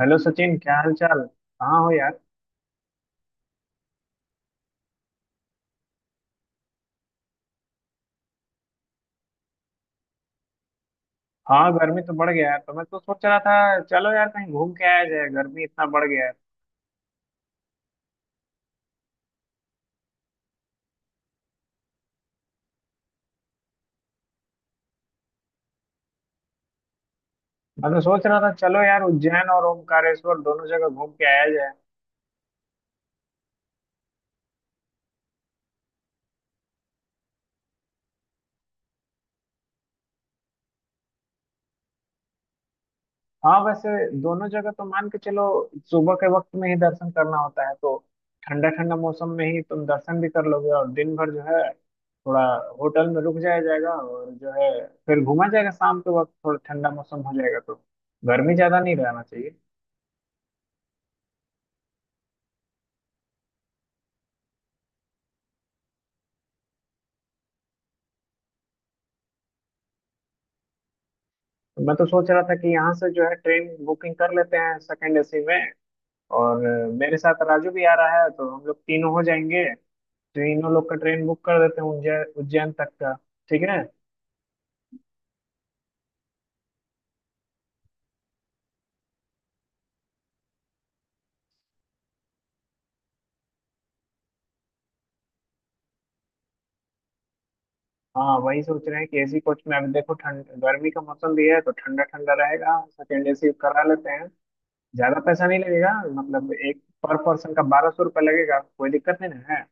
Hello Sachin, क्या हाल चाल। कहाँ हो यार। हाँ, गर्मी तो बढ़ गया है, तो मैं तो सोच रहा था चलो यार कहीं घूम के आया जाए, गर्मी इतना बढ़ गया है। मैं तो सोच रहा था चलो यार उज्जैन और ओमकारेश्वर दोनों जगह घूम के आया जाए। हाँ वैसे, दोनों जगह तो मान के चलो। सुबह के वक्त में ही दर्शन करना होता है, तो ठंडा ठंडा मौसम में ही तुम दर्शन भी कर लोगे और दिन भर जो है थोड़ा होटल में रुक जाया जाएगा और जो है फिर घूमा जाएगा। शाम के वक्त थोड़ा ठंडा मौसम हो जाएगा तो गर्मी ज्यादा नहीं रहना चाहिए। मैं तो सोच रहा था कि यहाँ से जो है ट्रेन बुकिंग कर लेते हैं सेकंड एसी में। और मेरे साथ राजू भी आ रहा है तो हम लोग तीनों हो जाएंगे। तीनों लोग का ट्रेन बुक कर देते हैं उज्जैन उज्जैन तक का। ठीक है। हाँ वही सोच रहे हैं कि एसी कोच में, अभी देखो ठंड गर्मी का मौसम भी है तो ठंडा ठंडा रहेगा, सेकंड एसी करा लेते हैं, ज्यादा पैसा नहीं लगेगा। मतलब एक पर पर्सन का 1200 रुपये लगेगा, कोई दिक्कत नहीं ना है।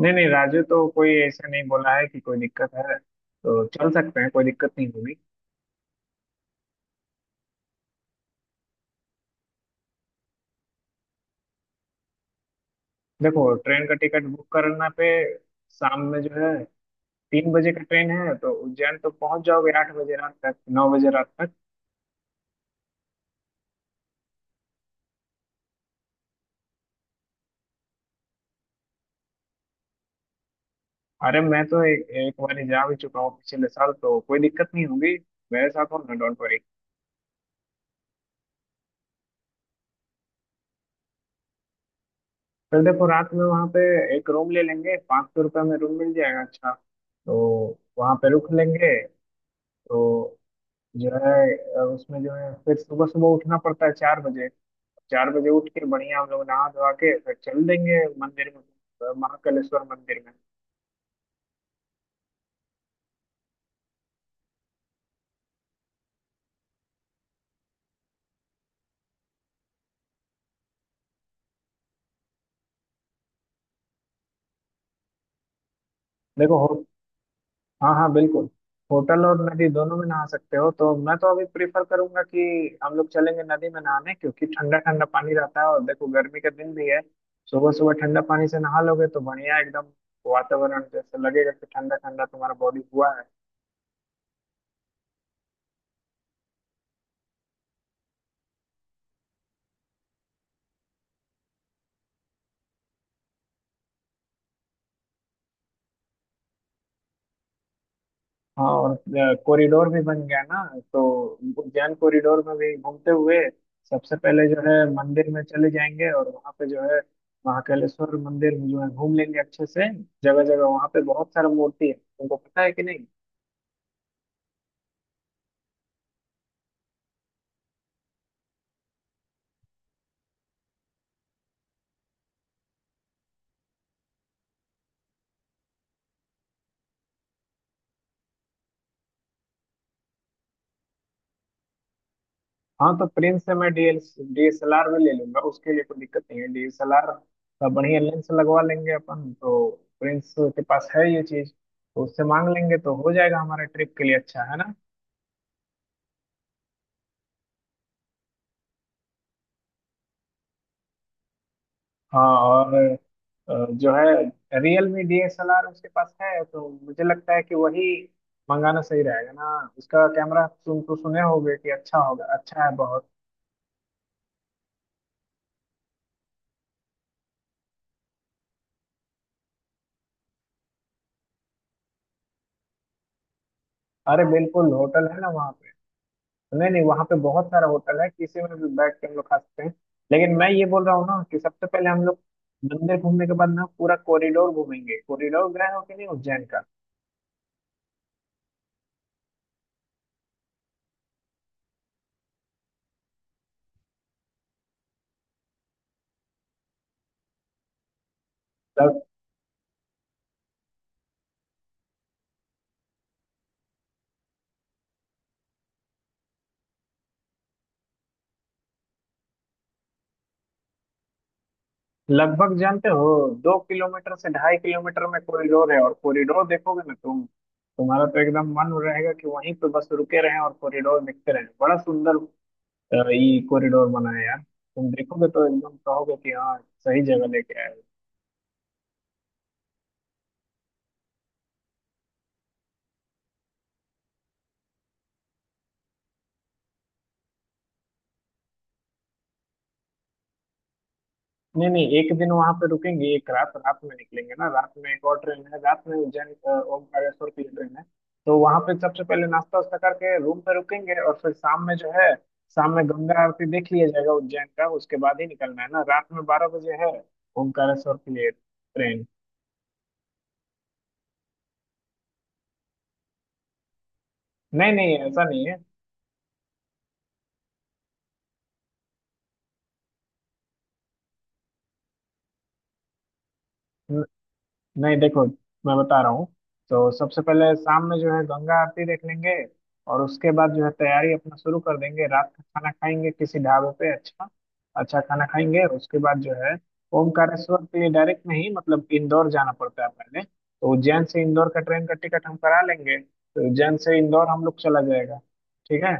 नहीं नहीं, राजू तो कोई ऐसा नहीं बोला है कि कोई दिक्कत है, तो चल सकते हैं, कोई दिक्कत नहीं होगी। देखो, ट्रेन का टिकट बुक करना पे शाम में जो है 3 बजे का ट्रेन है, तो उज्जैन तो पहुंच जाओगे 8 बजे रात तक, 9 बजे रात तक। अरे मैं तो एक बार ही जा भी चुका हूँ पिछले साल, तो कोई दिक्कत नहीं होगी, मेरे साथ हो ना, डोंट वरी। फिर देखो रात में वहाँ पे एक रूम ले लेंगे, 500 रुपये में रूम मिल जाएगा अच्छा, तो वहाँ पे रुक लेंगे। तो जो है उसमें जो है फिर सुबह सुबह उठना पड़ता है 4 बजे। 4 बजे उठ के बढ़िया हम लोग नहा धोवा के फिर चल देंगे मंदिर में, महाकालेश्वर मंदिर में। देखो हो, हाँ हाँ बिल्कुल, होटल और नदी दोनों में नहा सकते हो। तो मैं तो अभी प्रेफर करूंगा कि हम लोग चलेंगे नदी में नहाने, क्योंकि ठंडा ठंडा पानी रहता है और देखो गर्मी का दिन भी है। सुबह सुबह ठंडा पानी से नहा लोगे तो बढ़िया, एकदम वातावरण जैसे लगेगा कि ठंडा ठंडा तुम्हारा बॉडी हुआ है। हाँ और कॉरिडोर भी बन गया ना, तो उद्यान कॉरिडोर में भी घूमते हुए सबसे पहले जो है मंदिर में चले जाएंगे और वहाँ पे जो है महाकालेश्वर मंदिर में जो है घूम लेंगे अच्छे से। जगह जगह वहाँ पे बहुत सारा मूर्ति है, तुमको पता है कि नहीं। हाँ तो प्रिंस से मैं डीएल डीएसएलआर में ले लूंगा, उसके लिए कोई दिक्कत नहीं है। डीएसएलआर का बढ़िया लेंस लगवा लेंगे अपन तो। प्रिंस के पास है ये चीज, तो उससे मांग लेंगे, तो हो जाएगा हमारे ट्रिप के लिए अच्छा है ना। हाँ और जो है रियलमी डीएसएलआर उसके पास है, तो मुझे लगता है कि वही मंगाना सही रहेगा ना। उसका कैमरा तुम तो सुने होगे कि अच्छा होगा, अच्छा है बहुत। अरे बिल्कुल होटल है ना वहाँ पे। नहीं नहीं, वहाँ पे बहुत सारा होटल है, किसी में भी बैठ के हम लोग खा सकते हैं। लेकिन मैं ये बोल रहा हूँ ना कि सबसे पहले हम लोग मंदिर घूमने के बाद ना पूरा कॉरिडोर घूमेंगे। कॉरिडोर गए हो कि नहीं उज्जैन का। लगभग जानते हो, 2 किलोमीटर से 2.5 किलोमीटर में कॉरिडोर है, और कॉरिडोर देखोगे ना तुम, तुम्हारा तो एकदम मन रहेगा कि वहीं पे बस रुके रहें और कॉरिडोर देखते रहें, बड़ा सुंदर ये कॉरिडोर बना है यार। तुम देखोगे तो एकदम कहोगे कि हाँ सही जगह लेके आए। नहीं नहीं, एक दिन वहां पे रुकेंगे, एक रात रात में निकलेंगे ना। रात में एक और ट्रेन है रात में, उज्जैन ओमकारेश्वर की ट्रेन है। तो वहां पे सबसे पहले नाश्ता वास्ता करके रूम पे रुकेंगे और फिर शाम में जो है, शाम में गंगा आरती देख लिया जाएगा उज्जैन का, उसके बाद ही निकलना है ना। रात में 12 बजे है ओमकारेश्वर के लिए ट्रेन। नहीं नहीं, ऐसा नहीं है। नहीं देखो, मैं बता रहा हूँ। तो सबसे पहले शाम में जो है गंगा आरती देख लेंगे, और उसके बाद जो है तैयारी अपना शुरू कर देंगे, रात का खाना खाएंगे किसी ढाबे पे अच्छा अच्छा खाना खाएंगे। उसके बाद जो है ओमकारेश्वर के लिए डायरेक्ट नहीं, मतलब इंदौर जाना पड़ता है पहले। तो उज्जैन से इंदौर का ट्रेन का टिकट हम करा लेंगे, तो उज्जैन से इंदौर हम लोग चला जाएगा, ठीक है।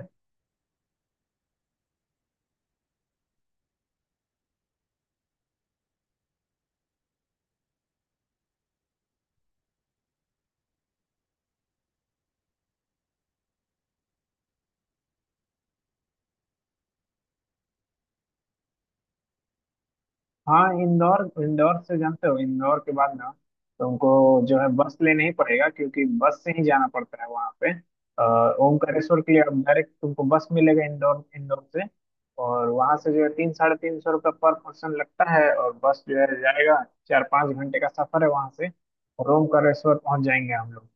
हाँ, इंदौर इंदौर से जानते हो, इंदौर के बाद ना तुमको जो है बस लेना ही पड़ेगा, क्योंकि बस से ही जाना पड़ता है वहाँ पे ओमकारेश्वर के लिए। अब डायरेक्ट तुमको बस मिलेगा इंदौर इंदौर से, और वहाँ से जो है तीन 350 रुपये पर पर्सन लगता है, और बस जो है जाएगा, 4-5 घंटे का सफर है वहाँ से, और ओमकारेश्वर पहुँच जाएंगे हम लोग।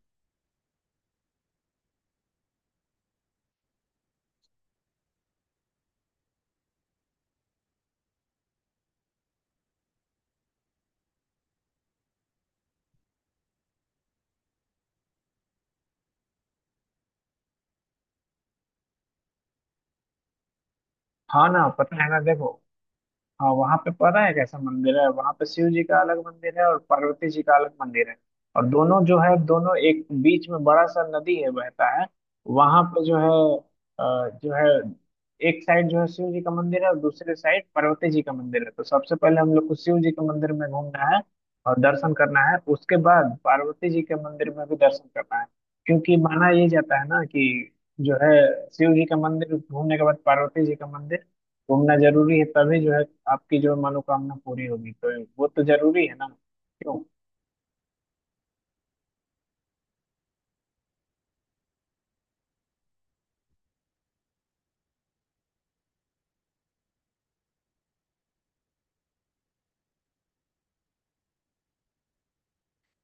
हाँ ना, पता है ना देखो। हाँ वहां पे पता है कैसा मंदिर है, वहां पे शिव जी का अलग मंदिर है और पार्वती जी का अलग मंदिर है। और दोनों जो है, दोनों एक, बीच में बड़ा सा नदी है बहता है, वहां पे जो है जो है एक साइड जो है शिव जी का मंदिर है और दूसरे साइड पार्वती जी का मंदिर है। तो सबसे पहले हम लोग को शिव जी के मंदिर में घूमना है और दर्शन करना है, उसके बाद पार्वती जी के मंदिर में भी दर्शन करना है। क्योंकि माना ये जाता है ना कि जो है शिव जी का मंदिर घूमने के बाद पार्वती जी का मंदिर घूमना जरूरी है, तभी जो है आपकी जो मनोकामना पूरी होगी, तो वो तो जरूरी है ना, क्यों।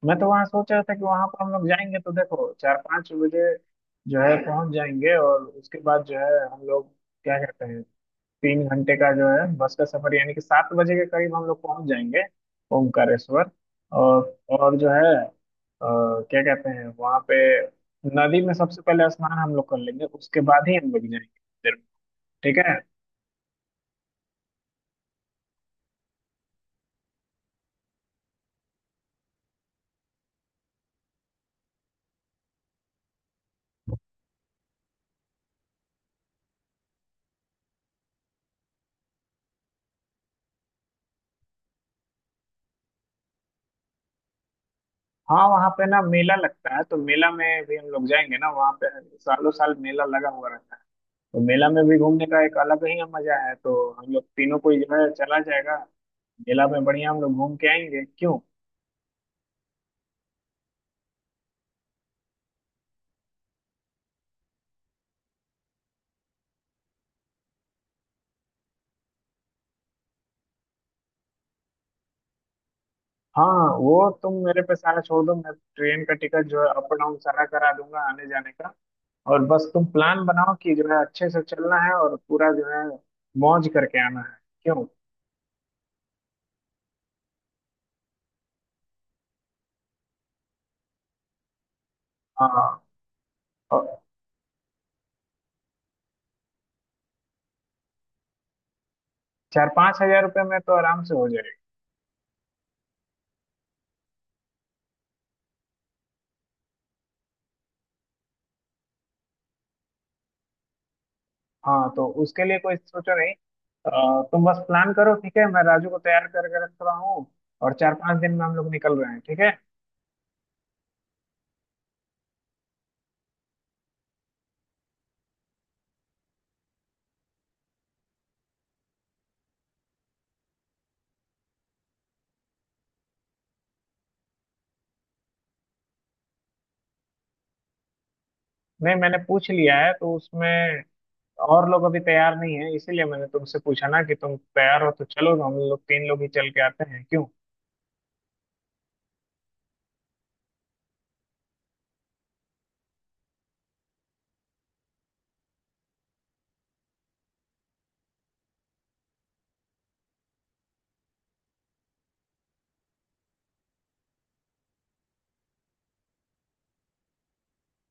मैं तो वहां सोच रहा था कि वहां पर हम लोग जाएंगे तो देखो 4-5 बजे जो है पहुंच जाएंगे, और उसके बाद जो है हम लोग, क्या कहते हैं, 3 घंटे का जो है बस का सफर, यानी कि 7 बजे के करीब हम लोग पहुंच जाएंगे ओमकारेश्वर। और जो है क्या कहते हैं, वहां पे नदी में सबसे पहले स्नान हम लोग कर लेंगे, उसके बाद ही हम लोग जाएंगे मंदिर में, ठीक है। हाँ वहाँ पे ना मेला लगता है, तो मेला में भी हम लोग जाएंगे ना वहाँ पे, सालों साल मेला लगा हुआ रहता है। तो मेला में भी घूमने का एक अलग ही मजा है, तो हम लोग तीनों को जो है चला जाएगा, मेला में बढ़िया हम लोग घूम के आएंगे, क्यों। हाँ वो तुम मेरे पे सारा छोड़ दो, मैं ट्रेन का टिकट जो है अप डाउन सारा करा दूंगा आने जाने का, और बस तुम प्लान बनाओ कि जो है अच्छे से चलना है और पूरा जो है मौज करके आना है, क्यों। हाँ और 4-5 हज़ार रुपये में तो आराम से हो जाएगा। हाँ तो उसके लिए कोई सोचो नहीं, तुम बस प्लान करो ठीक है, मैं राजू को तैयार करके रख रहा हूँ, और 4-5 दिन में हम लोग निकल रहे हैं, ठीक है। नहीं मैंने पूछ लिया है तो उसमें और लोग अभी तैयार नहीं है, इसीलिए मैंने तुमसे पूछा ना कि तुम तैयार हो तो चलो हम लोग तीन लोग ही चल के आते हैं, क्यों।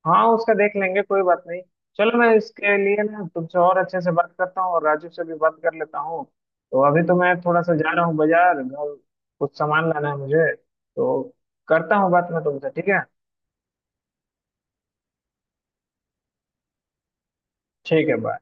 हाँ उसका देख लेंगे, कोई बात नहीं। चलो मैं इसके लिए ना तुमसे और अच्छे से बात करता हूँ और राजू से भी बात कर लेता हूँ। तो अभी तो मैं थोड़ा सा जा रहा हूँ बाजार, घर कुछ सामान लाना है मुझे, तो करता हूँ बात मैं तुमसे, ठीक है। ठीक है, बाय।